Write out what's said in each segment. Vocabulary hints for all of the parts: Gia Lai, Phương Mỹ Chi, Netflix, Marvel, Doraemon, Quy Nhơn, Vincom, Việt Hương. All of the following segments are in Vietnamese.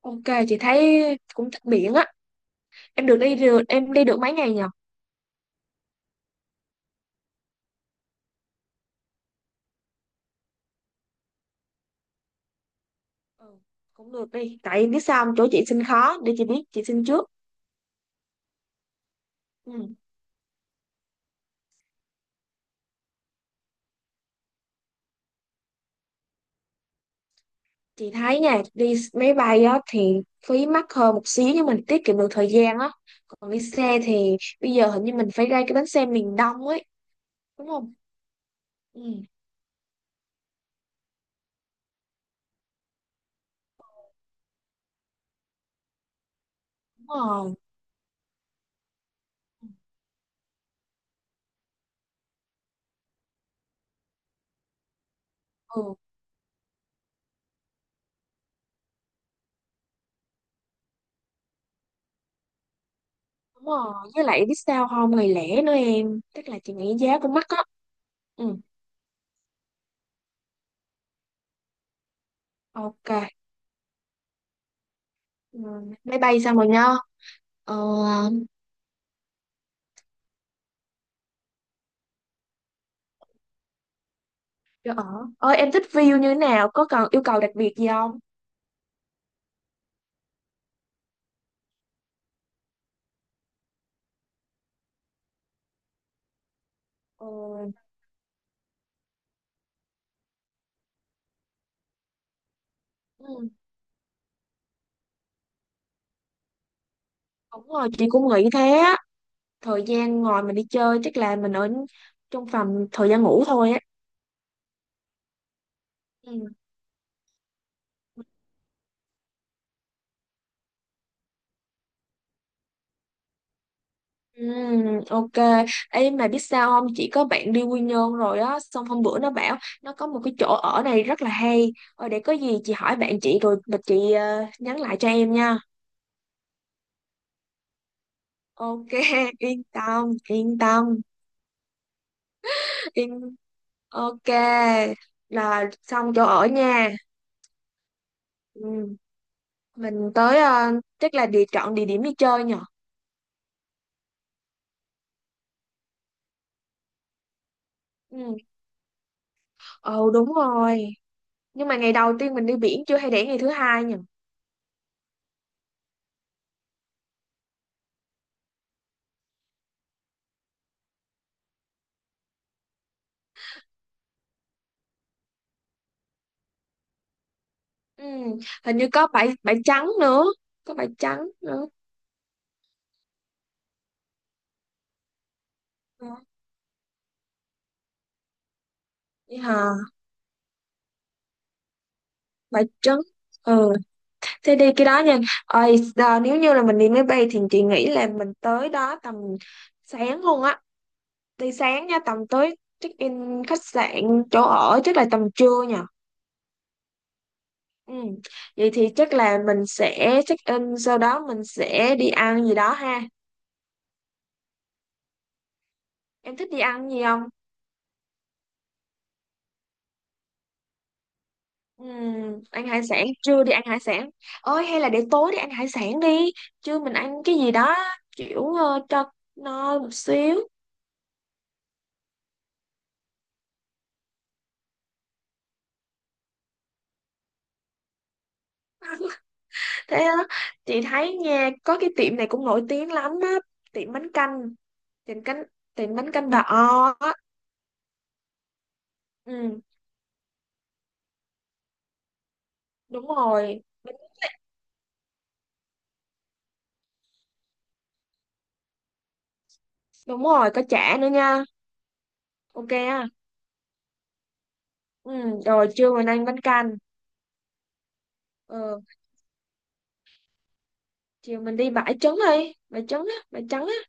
Ok, chị thấy cũng thích biển á. Em được đi được, em đi được mấy ngày nhỉ? Ừ, cũng được đi. Tại biết sao không? Chỗ chị xin khó, để chị biết, chị xin trước. Ừ. Chị thấy nha, đi máy bay á thì phí mắc hơn một xíu nhưng mình tiết kiệm được thời gian á. Còn đi xe thì bây giờ hình như mình phải ra cái bến xe miền Đông ấy, đúng không? Ừ, đúng rồi. Ừ, đúng rồi. Với lại biết sao không? Ngày lẻ nữa em. Tức là chị nghĩ giá cũng mắc á. Ừ, ok. Ừ, máy bay xong rồi nha. Ờ. Dạ. Ở, ơi em thích view như thế nào? Có cần yêu cầu đặc biệt gì không? Ờ. Ừ, đúng rồi, chị cũng nghĩ thế á. Thời gian ngồi mình đi chơi chắc là mình ở trong phòng thời gian ngủ thôi á. Ừ. Ừ, ok. Ê, mà biết sao không? Chị có bạn đi Quy Nhơn rồi á. Xong hôm bữa nó bảo nó có một cái chỗ ở này rất là hay. Ờ, để có gì chị hỏi bạn chị rồi mà chị nhắn lại cho em nha. Ok, yên tâm, yên tâm, yên. Ok, là xong chỗ ở nha. Ừ. Mình tới, chắc là địa chọn địa điểm đi chơi nhỉ? Ừ. Ồ đúng rồi. Nhưng mà ngày đầu tiên mình đi biển chưa hay để ngày thứ hai nhỉ? Ừ. Hình như có bãi bãi trắng nữa, có bãi trắng nữa. Ừ. Đi hả? Bãi trắng. Ừ. Thế đi cái đó nha. Ôi, giờ nếu như là mình đi máy bay thì chị nghĩ là mình tới đó tầm sáng luôn á. Đi sáng nha, tầm tới check in khách sạn chỗ ở chắc là tầm trưa nhỉ? Ừ. Vậy thì chắc là mình sẽ check in sau đó mình sẽ đi ăn gì đó ha. Em thích đi ăn gì không? Ừ, ăn hải sản, trưa đi ăn hải sản. Ôi hay là để tối đi ăn hải sản đi. Trưa mình ăn cái gì đó kiểu cho no một xíu. Thế đó. Chị thấy nha, có cái tiệm này cũng nổi tiếng lắm á, tiệm bánh canh tiệm bánh canh bà O á. Ừ, đúng rồi. Bánh- Đúng rồi, có chả nữa nha. Ok á. Ừ, rồi trưa mình ăn bánh canh. Ừ, chiều mình đi bãi trấn á bãi trắng á.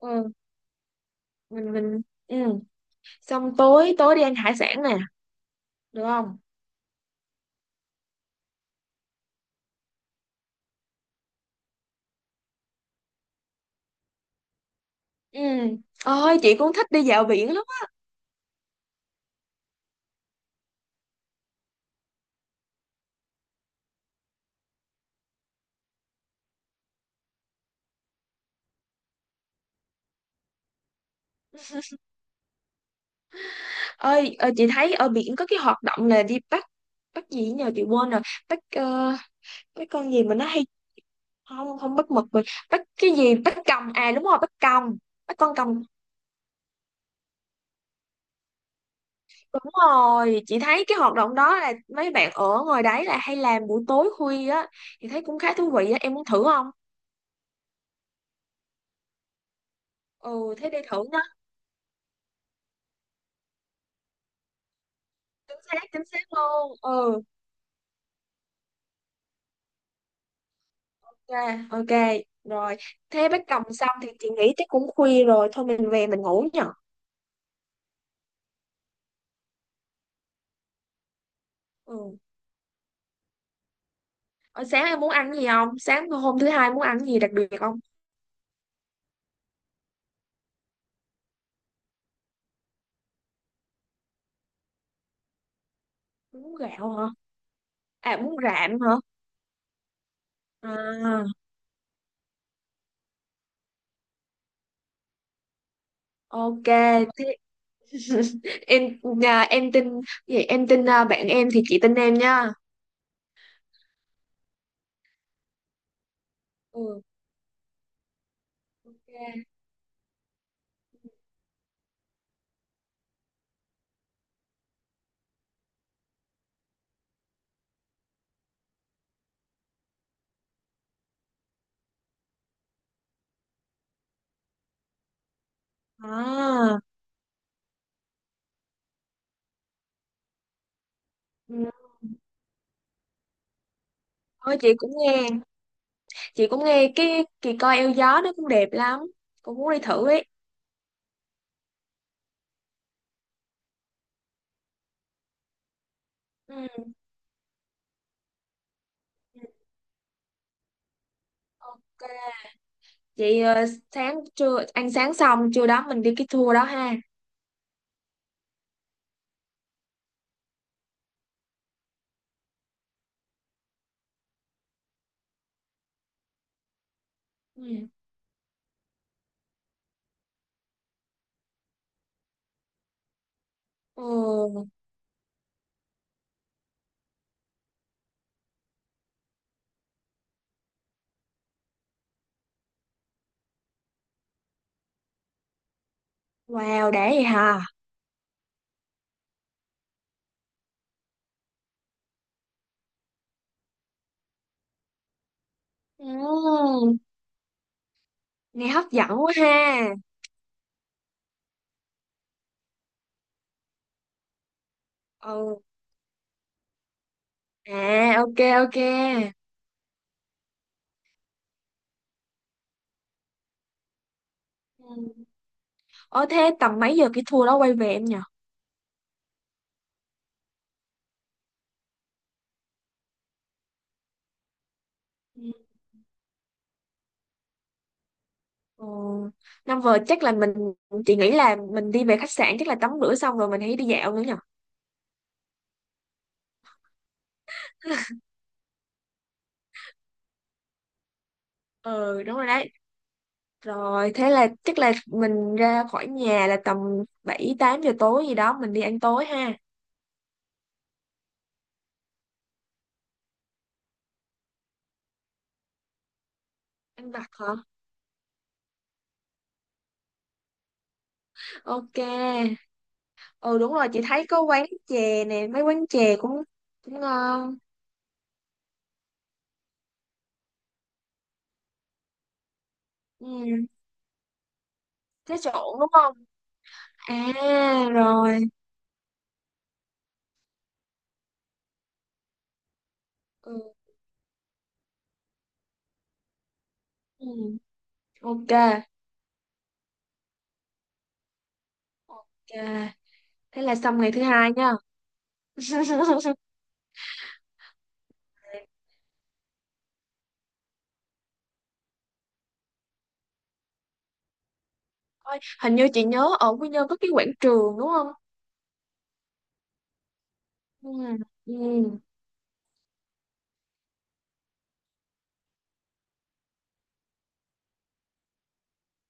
Ừ, mình mình, ừ, xong tối tối đi ăn hải sản nè, được không? Ừ, ơi chị cũng thích đi dạo biển lắm á. Ơi, chị thấy ở biển có cái hoạt động là đi bắt, bắt gì nhờ chị quên rồi, bắt, bắt con gì mà nó hay, không không bắt mực rồi, bắt cái gì, bắt còng, à đúng rồi bắt còng, bắt con còng. Đúng rồi, chị thấy cái hoạt động đó là mấy bạn ở ngoài đấy là hay làm buổi tối khuya á. Chị thấy cũng khá thú vị á, em muốn thử không? Ừ, thế đi thử. Chính xác chính xác luôn. Ừ, ok ok rồi, thế bác cầm xong thì chị nghĩ chắc cũng khuya rồi, thôi mình về mình ngủ nhở. Ừ. Ở, sáng em muốn ăn gì không, sáng hôm thứ hai muốn ăn gì đặc biệt không? Bún gạo hả? À bún rạm hả? À. Ok thế. Em nhà em tin, vậy em tin, à, bạn em thì chị tin em nha. Ừ, ok. À ừ. Thôi chị cũng nghe, chị cũng nghe cái kỳ coi eo gió nó cũng đẹp lắm, cũng muốn đi thử ấy. Ừ ừ. Ok, vậy ờ, sáng trưa ăn sáng xong trưa đó mình đi cái tour đó ha. Ừ. Ừ. Wow, đã vậy hả? Ừ. Nghe hấp dẫn quá ha. Ừ. À, ok ok. Ừ. Ờ thế tầm mấy giờ cái tour đó quay về em nhỉ? Ừ. Ừ. Năm vừa chắc là mình, chị nghĩ là mình đi về khách sạn chắc là tắm rửa xong rồi mình hãy đi dạo nữa nhỉ? Ừ đúng rồi đấy. Rồi thế là chắc là mình ra khỏi nhà là tầm 7 8 giờ tối gì đó mình đi ăn tối ha. Ăn vặt hả? Ok. Ừ đúng rồi, chị thấy có quán chè nè, mấy quán chè cũng cũng ngon. Ừ, thế trộn đúng không? À rồi. Ừ. Ừ. Ok. Ok. Thế là xong ngày thứ hai nha. Ôi, hình như chị nhớ ở Quy Nhơn có cái quảng trường đúng không? Ừ. Ừ.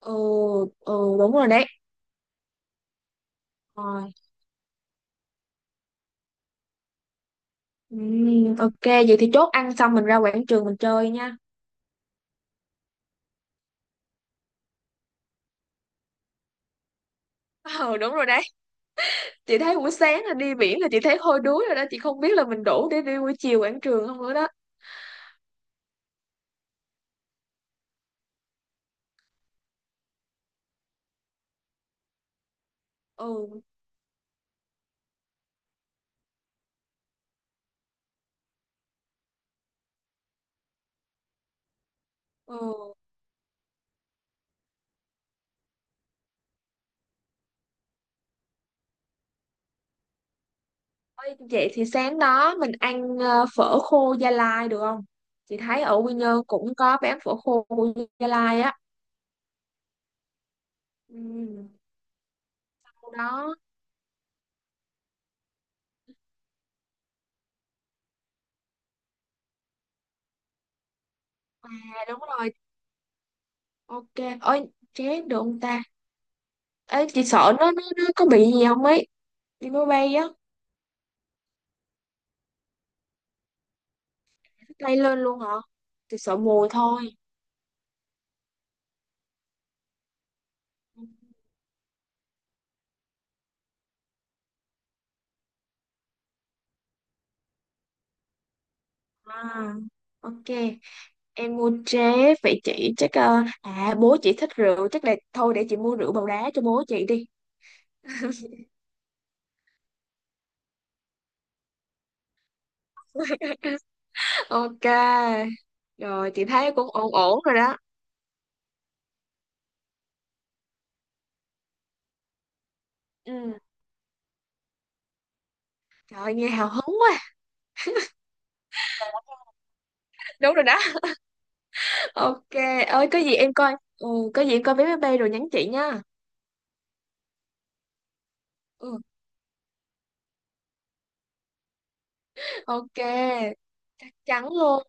Ừ, ừ đúng rồi đấy. Rồi. Ừ, ok, vậy thì chốt ăn xong mình ra quảng trường mình chơi nha. Ừ, đúng rồi đấy. Chị thấy buổi sáng là đi biển là chị thấy hôi đuối rồi đó, chị không biết là mình đủ để đi buổi chiều quảng trường không nữa đó. Ừ ừ. Ôi, vậy thì sáng đó mình ăn, phở khô Gia Lai được không? Chị thấy ở Quy Nhơn cũng có bán phở khô Gia Lai á. Ừ, sau đó. À đúng rồi. Ok. Ôi chết được không ta? Ấy chị sợ nó có bị gì không ấy, đi máy bay á. Tay lên luôn hả? Chị sợ mùi thôi. À ok, em mua tré. Vậy chị chắc, à bố chị thích rượu chắc là thôi để chị mua rượu bầu đá cho bố chị đi. Ok rồi, chị thấy cũng ổn ổn rồi đó. Ừ, trời ơi, nghe hào hứng quá. Đúng rồi đó. Ok, ơi, có gì em coi vé máy bay rồi nhắn chị nha. Ừ, ok, chắc chắn luôn.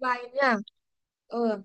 Bye nha. Ừ.